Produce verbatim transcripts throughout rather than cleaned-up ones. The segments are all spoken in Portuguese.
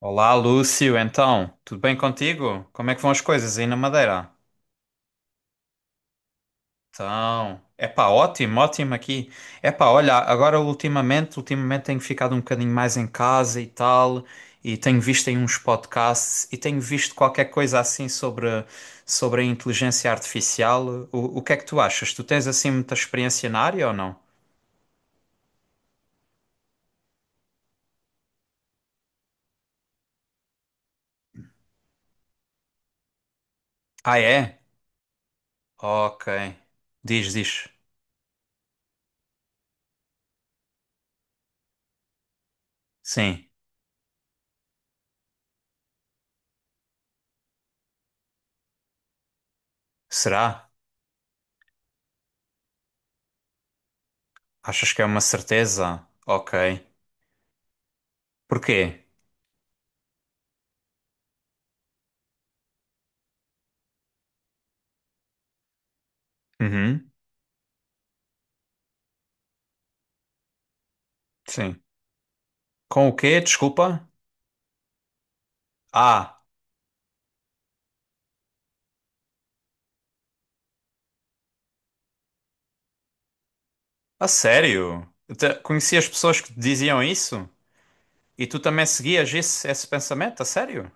Olá, Lúcio. Então, tudo bem contigo? Como é que vão as coisas aí na Madeira? Então, epá, ótimo, ótimo aqui. Epá, olha, agora ultimamente, ultimamente tenho ficado um bocadinho mais em casa e tal, e tenho visto aí uns podcasts e tenho visto qualquer coisa assim sobre, sobre a inteligência artificial. O, o que é que tu achas? Tu tens assim muita experiência na área ou não? Ah, é? Ok. Diz, diz. Sim. Será? Achas que é uma certeza? Ok. Porquê? Uhum, sim. Com o quê? Desculpa? Ah, a sério? Eu te- conheci as pessoas que diziam isso? E tu também seguias esse, esse pensamento? A sério?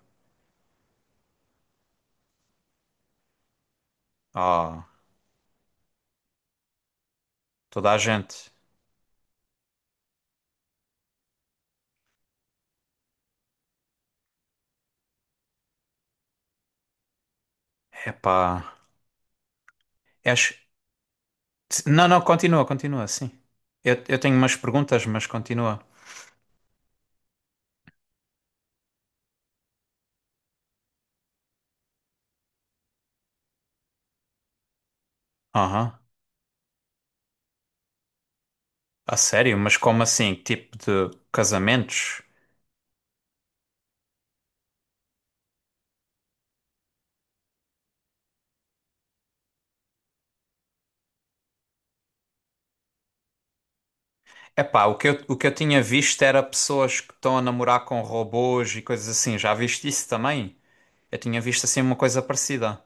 Ah, toda a gente. Epá. Acho... Não, não, continua, continua, sim. Eu, eu tenho umas perguntas, mas continua. Aham. A sério? Mas como assim? Que tipo de casamentos? Epá, o que eu, o que eu tinha visto era pessoas que estão a namorar com robôs e coisas assim. Já viste isso também? Eu tinha visto assim uma coisa parecida.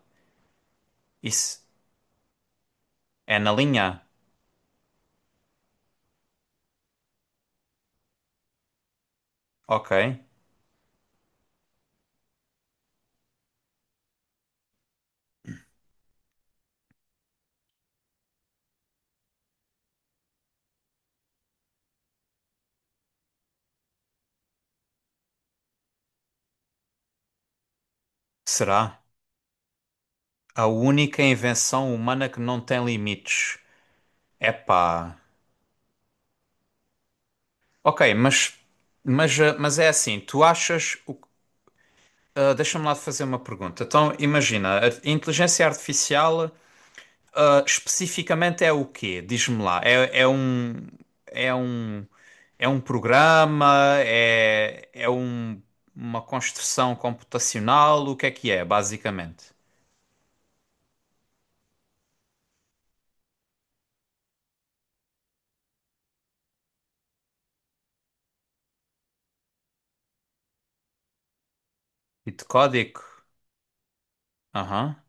Isso é na linha? Ok. Será? A única invenção humana que não tem limites. Epá. Ok, mas, mas, eh, mas é assim, tu achas. O- ah, deixa-me lá fazer uma pergunta. Então, imagina, a inteligência artificial, ah, especificamente é o quê? Diz-me lá. É, é um. É um. É um programa? É, é um, uma construção computacional? O que é que é, basicamente? E de código? Aham.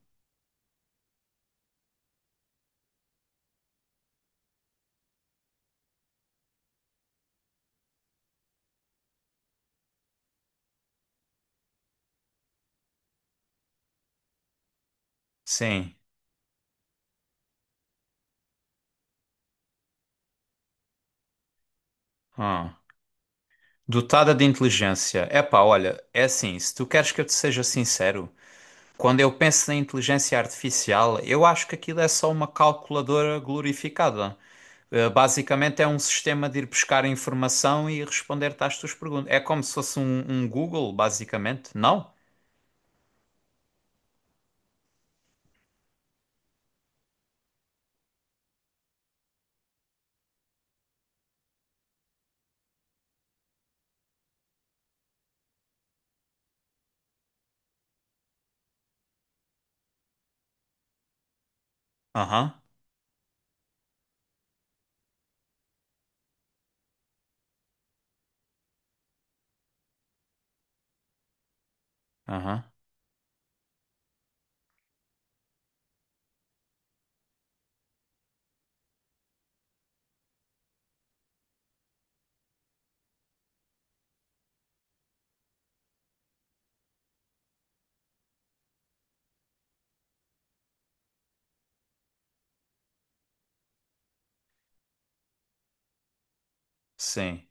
Sim. Ah. Dotada de inteligência. Epá, olha, é assim, se tu queres que eu te seja sincero, quando eu penso na inteligência artificial, eu acho que aquilo é só uma calculadora glorificada. Eh, Basicamente é um sistema de ir buscar informação e responder-te às tuas perguntas. É como se fosse um, um Google, basicamente, não? Aham, aham, sim.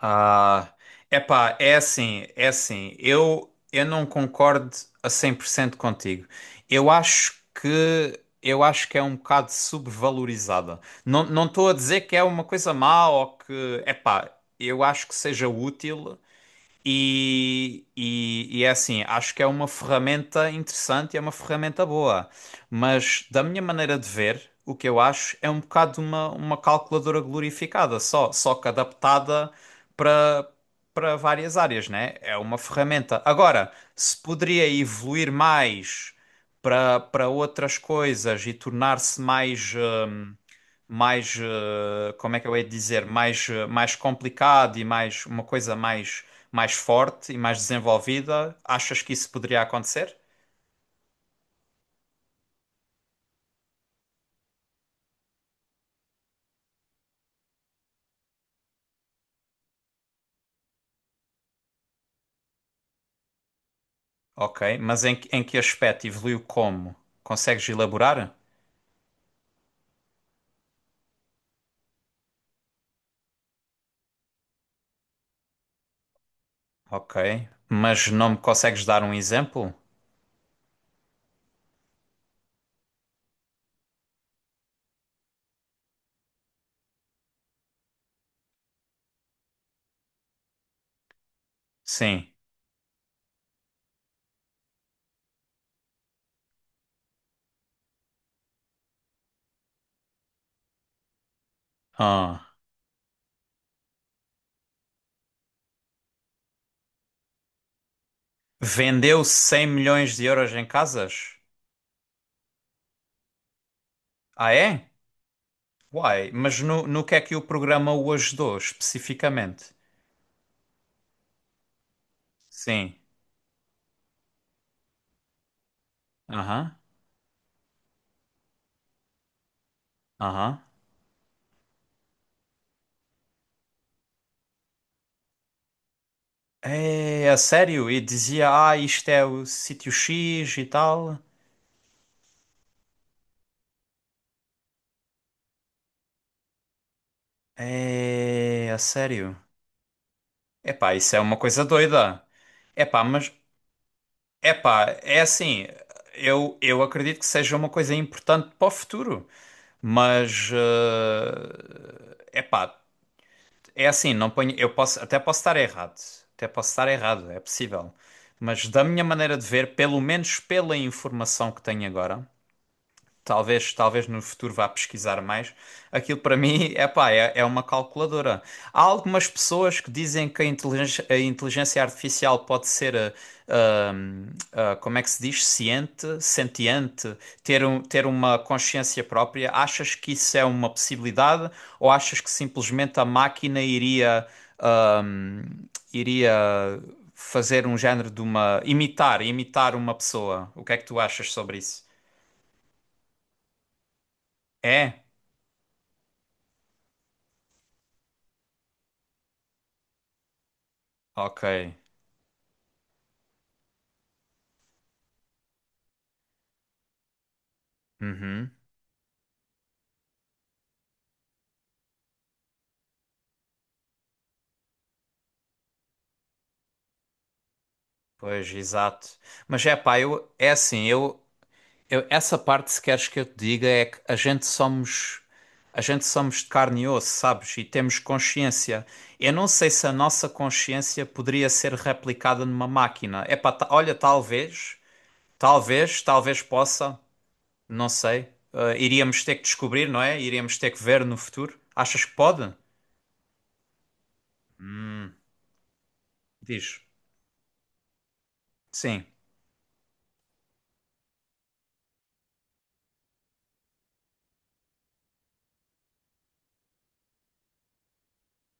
Ah, epá, é assim, é assim. Eu, eu não concordo a cem por cento contigo. Eu acho que eu acho que é um bocado subvalorizada. Não, não estou a dizer que é uma coisa má ou que, epá, eu acho que seja útil, e, e, e é assim, acho que é uma ferramenta interessante e é uma ferramenta boa, mas da minha maneira de ver, o que eu acho é um bocado uma, uma calculadora glorificada, só, só que adaptada para para várias áreas, né? É uma ferramenta. Agora, se poderia evoluir mais para para outras coisas e tornar-se mais eh, mais, eh, como é que eu hei de dizer, mais, eh, mais complicado e mais uma coisa mais, mais forte e mais desenvolvida, achas que isso poderia acontecer? Ok, mas em, que- em que aspecto evoluiu como? Consegues elaborar? Ok, mas não me consegues dar um exemplo? Sim. Ah. Vendeu cem milhões de euros em casas? Ah, é? Uai, mas no, no que é que o programa o ajudou especificamente? Sim. Aham, aham. É, a sério? E dizia, ah, isto é o sítio X e tal. É, a sério? Epá, isso é uma coisa doida. Epá, mas, epá, é assim, eu, eu acredito que seja uma coisa importante para o futuro, mas, eh, epá, é assim, não ponho, eu posso, até posso estar errado, até posso estar errado, é possível. Mas da minha maneira de ver, pelo menos pela informação que tenho agora, talvez, talvez no futuro vá pesquisar mais. Aquilo para mim é pá, é, é uma calculadora. Há algumas pessoas que dizem que a inteligência, a inteligência artificial pode ser, ah, ah, ah, como é que se diz, ciente, sentiente, ter, um, ter uma consciência própria. Achas que isso é uma possibilidade ou achas que simplesmente a máquina iria, ah, iria fazer um género de uma, imitar, imitar uma pessoa? O que é que tu achas sobre isso? É? Ok. Uhum. Pois, exato. Mas é pá, eu, é assim, eu, eu- essa parte se queres que eu te diga é que a gente somos a gente somos de carne e osso, sabes? E temos consciência. Eu não sei se a nossa consciência poderia ser replicada numa máquina. É pá, ta- olha, talvez, talvez, talvez possa, não sei. Eh, iríamos ter que descobrir, não é? Iríamos ter que ver no futuro. Achas que pode? Diz. Sim,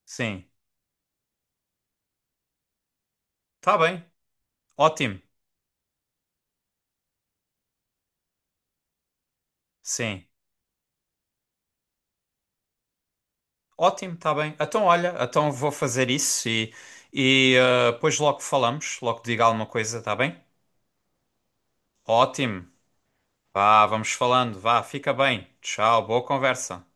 sim. Tá bem. Ótimo. Sim. Ótimo, está bem. Então, olha, então vou fazer isso e, e eh, depois logo falamos, logo diga alguma coisa, está bem? Ótimo. Vá, vamos falando. Vá, fica bem. Tchau, boa conversa.